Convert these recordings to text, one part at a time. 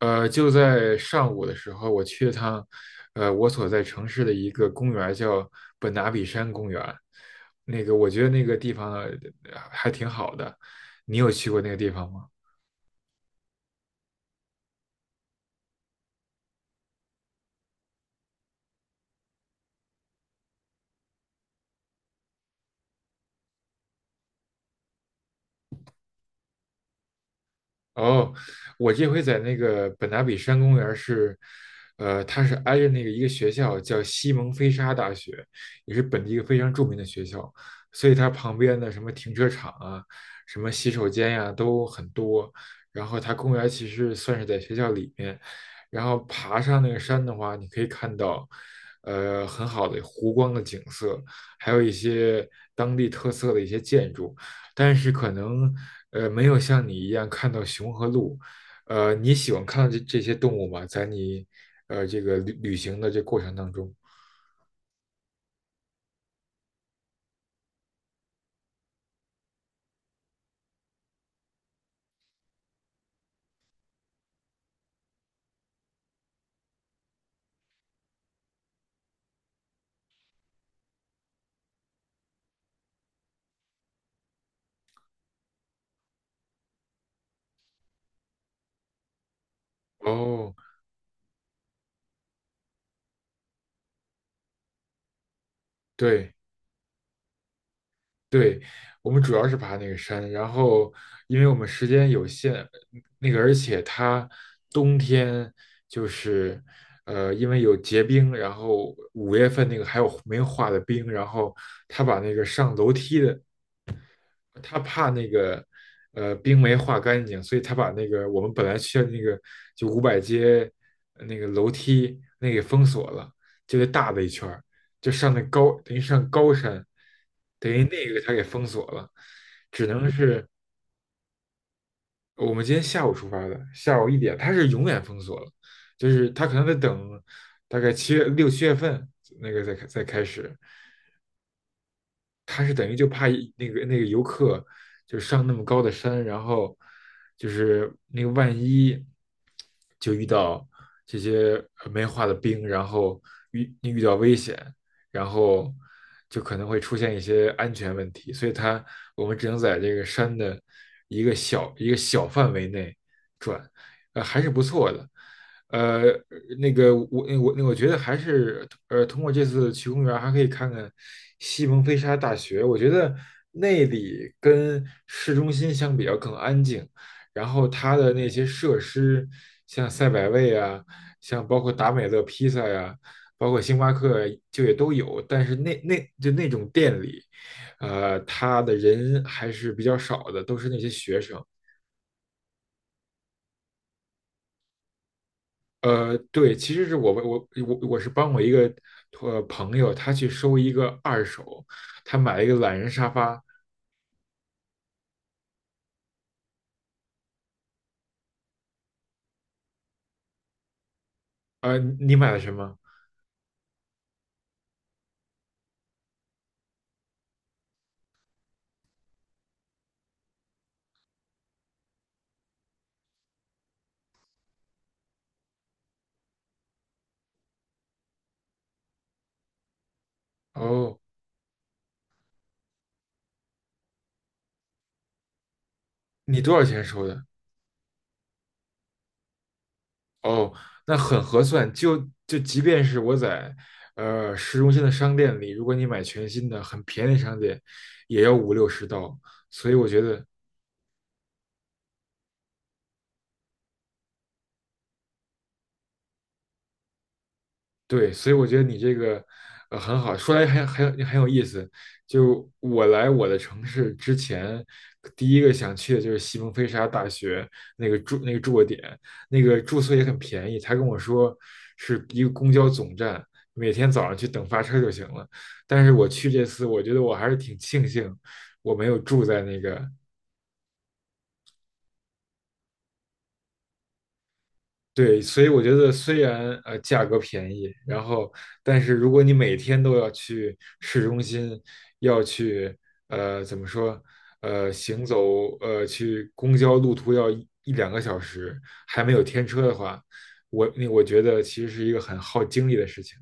就在上午的时候，我去了趟，我所在城市的一个公园儿叫本拿比山公园。那个，我觉得那个地方还挺好的。你有去过那个地方吗？哦，我这回在那个本拿比山公园儿是，它是挨着那个一个学校叫西蒙菲沙大学，也是本地一个非常著名的学校，所以它旁边的什么停车场啊、什么洗手间呀、都很多。然后它公园儿其实算是在学校里面，然后爬上那个山的话，你可以看到，很好的湖光的景色，还有一些当地特色的一些建筑。但是可能没有像你一样看到熊和鹿。你喜欢看到这些动物吗？在你这个旅行的这过程当中？哦，对对，我们主要是爬那个山，然后因为我们时间有限，那个而且它冬天就是因为有结冰，然后5月份那个还有没有化的冰，然后他把那个上楼梯的，他怕那个冰没化干净，所以他把那个我们本来去的那个就五百街，那个楼梯那个给封锁了，就那大的一圈儿，就上那高等于上高山，等于那个他给封锁了，只能是，我们今天下午出发的，下午一点，他是永远封锁了，就是他可能得等大概七月六7月份那个再开再开始，他是等于就怕那个那个游客就上那么高的山，然后就是那个万一就遇到这些没化的冰，然后遇到危险，然后就可能会出现一些安全问题，所以它我们只能在这个山的一个小一个小范围内转，还是不错的。呃，那个我觉得还是通过这次去公园，还可以看看西蒙菲沙大学。我觉得那里跟市中心相比较更安静，然后它的那些设施，像赛百味啊，像包括达美乐披萨呀、包括星巴克就也都有，但是那就那种店里，他的人还是比较少的，都是那些学生。对，其实是我是帮我一个朋友，他去收一个二手，他买了一个懒人沙发。你买了什么？哦，你多少钱收的？哦，那很合算。就即便是我在市中心的商店里，如果你买全新的，很便宜的商店，也要五六十刀。所以我觉得，对，所以我觉得你这个很好，说来还很有意思。就我来我的城市之前，第一个想去的就是西蒙菲沙大学那个住那个住的点，那个住宿也很便宜。他跟我说是一个公交总站，每天早上去等发车就行了。但是我去这次，我觉得我还是挺庆幸我没有住在那个，对，所以我觉得虽然价格便宜，然后但是如果你每天都要去市中心，要去怎么说行走去公交路途要一两个小时，还没有天车的话，我那我觉得其实是一个很耗精力的事情。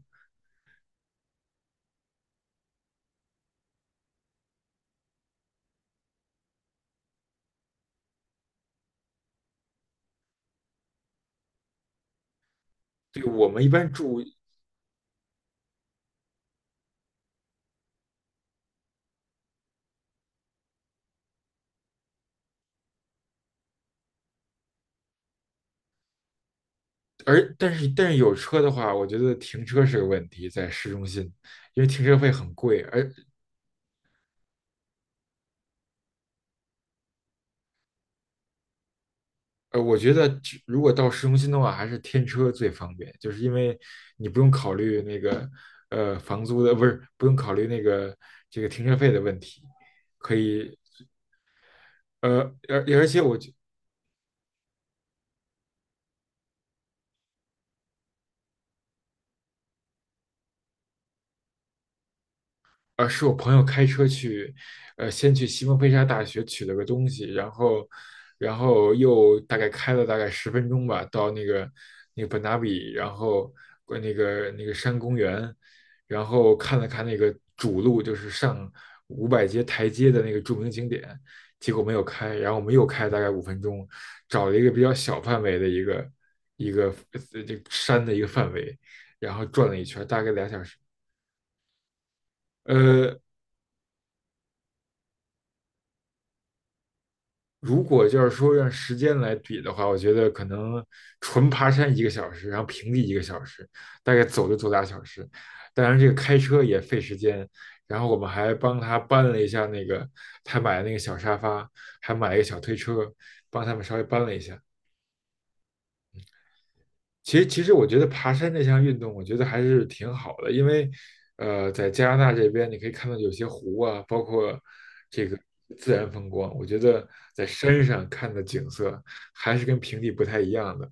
对，我们一般住，但是但是有车的话，我觉得停车是个问题，在市中心，因为停车费很贵，而，我觉得只如果到市中心的话，还是天车最方便，就是因为你不用考虑那个房租的，不是不用考虑那个这个停车费的问题，可以，呃而而且我，是我朋友开车去，先去西蒙菲沙大学取了个东西，然后，然后又大概开了大概10分钟吧，到那个那个本纳比，然后那个那个山公园，然后看了看那个主路，就是上500阶台阶的那个著名景点，结果没有开，然后我们又开了大概5分钟，找了一个比较小范围的一个一个这个山的一个范围，然后转了一圈，大概俩小时。呃，如果就是说让时间来比的话，我觉得可能纯爬山一个小时，然后平地一个小时，大概走就走俩小时。当然，这个开车也费时间。然后我们还帮他搬了一下那个他买的那个小沙发，还买了一个小推车，帮他们稍微搬了一下。其实，其实我觉得爬山这项运动，我觉得还是挺好的，因为，在加拿大这边，你可以看到有些湖啊，包括这个自然风光，我觉得在山上看的景色还是跟平地不太一样的。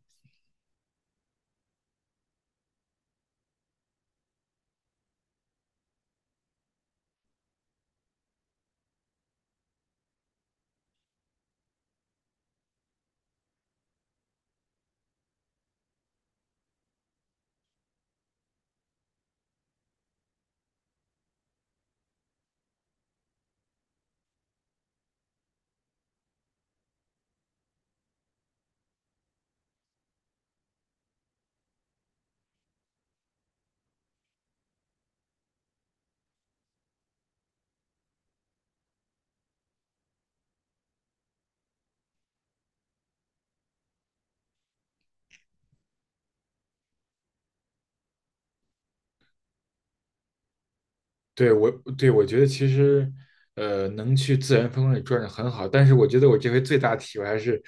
对我，对我觉得其实，能去自然风光里转转很好，但是我觉得我这回最大体会还是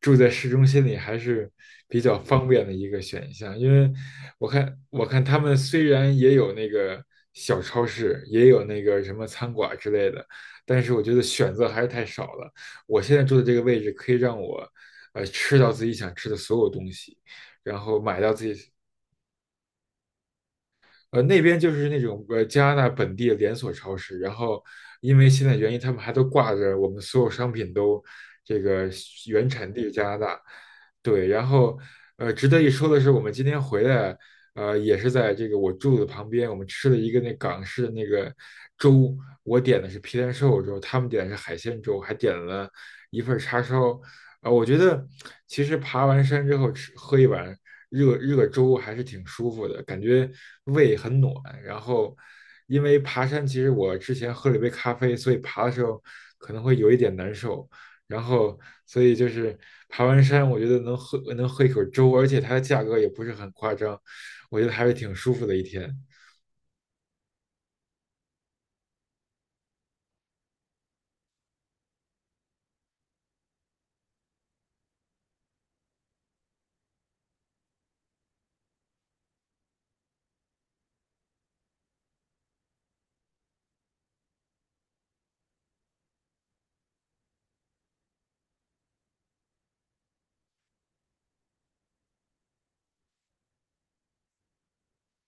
住在市中心里还是比较方便的一个选项，因为我看他们虽然也有那个小超市，也有那个什么餐馆之类的，但是我觉得选择还是太少了。我现在住的这个位置可以让我，吃到自己想吃的所有东西，然后买到自己。那边就是那种加拿大本地的连锁超市，然后因为现在原因，他们还都挂着我们所有商品都这个原产地加拿大，对，然后值得一说的是，我们今天回来，也是在这个我住的旁边，我们吃了一个那港式的那个粥，我点的是皮蛋瘦肉粥，他们点的是海鲜粥，还点了一份叉烧，我觉得其实爬完山之后吃喝一碗,热热粥还是挺舒服的，感觉胃很暖。然后，因为爬山，其实我之前喝了一杯咖啡，所以爬的时候可能会有一点难受。然后，所以就是爬完山，我觉得能喝一口粥，而且它的价格也不是很夸张，我觉得还是挺舒服的一天。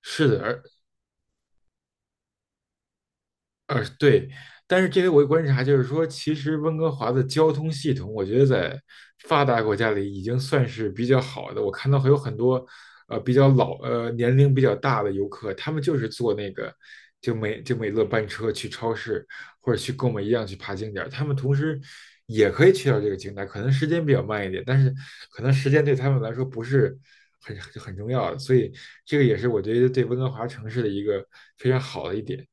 是的，对，但是这里我有观察就是说，其实温哥华的交通系统，我觉得在发达国家里已经算是比较好的。我看到还有很多比较老年龄比较大的游客，他们就是坐那个就美乐班车去超市或者去购买一样去爬景点儿，他们同时也可以去到这个景点儿，可能时间比较慢一点，但是可能时间对他们来说不是很重要的，所以这个也是我觉得对温哥华城市的一个非常好的一点。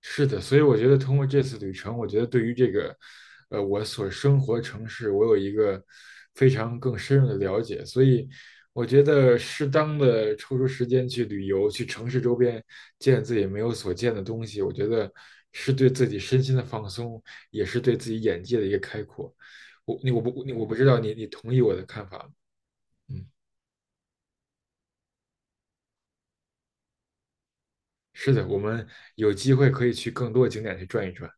是的，所以我觉得通过这次旅程，我觉得对于这个，我所生活的城市，我有一个非常更深入的了解。所以我觉得适当的抽出时间去旅游，去城市周边见自己没有所见的东西，我觉得是对自己身心的放松，也是对自己眼界的一个开阔。我不知道你同意我的看法吗？嗯，是的，我们有机会可以去更多景点去转一转。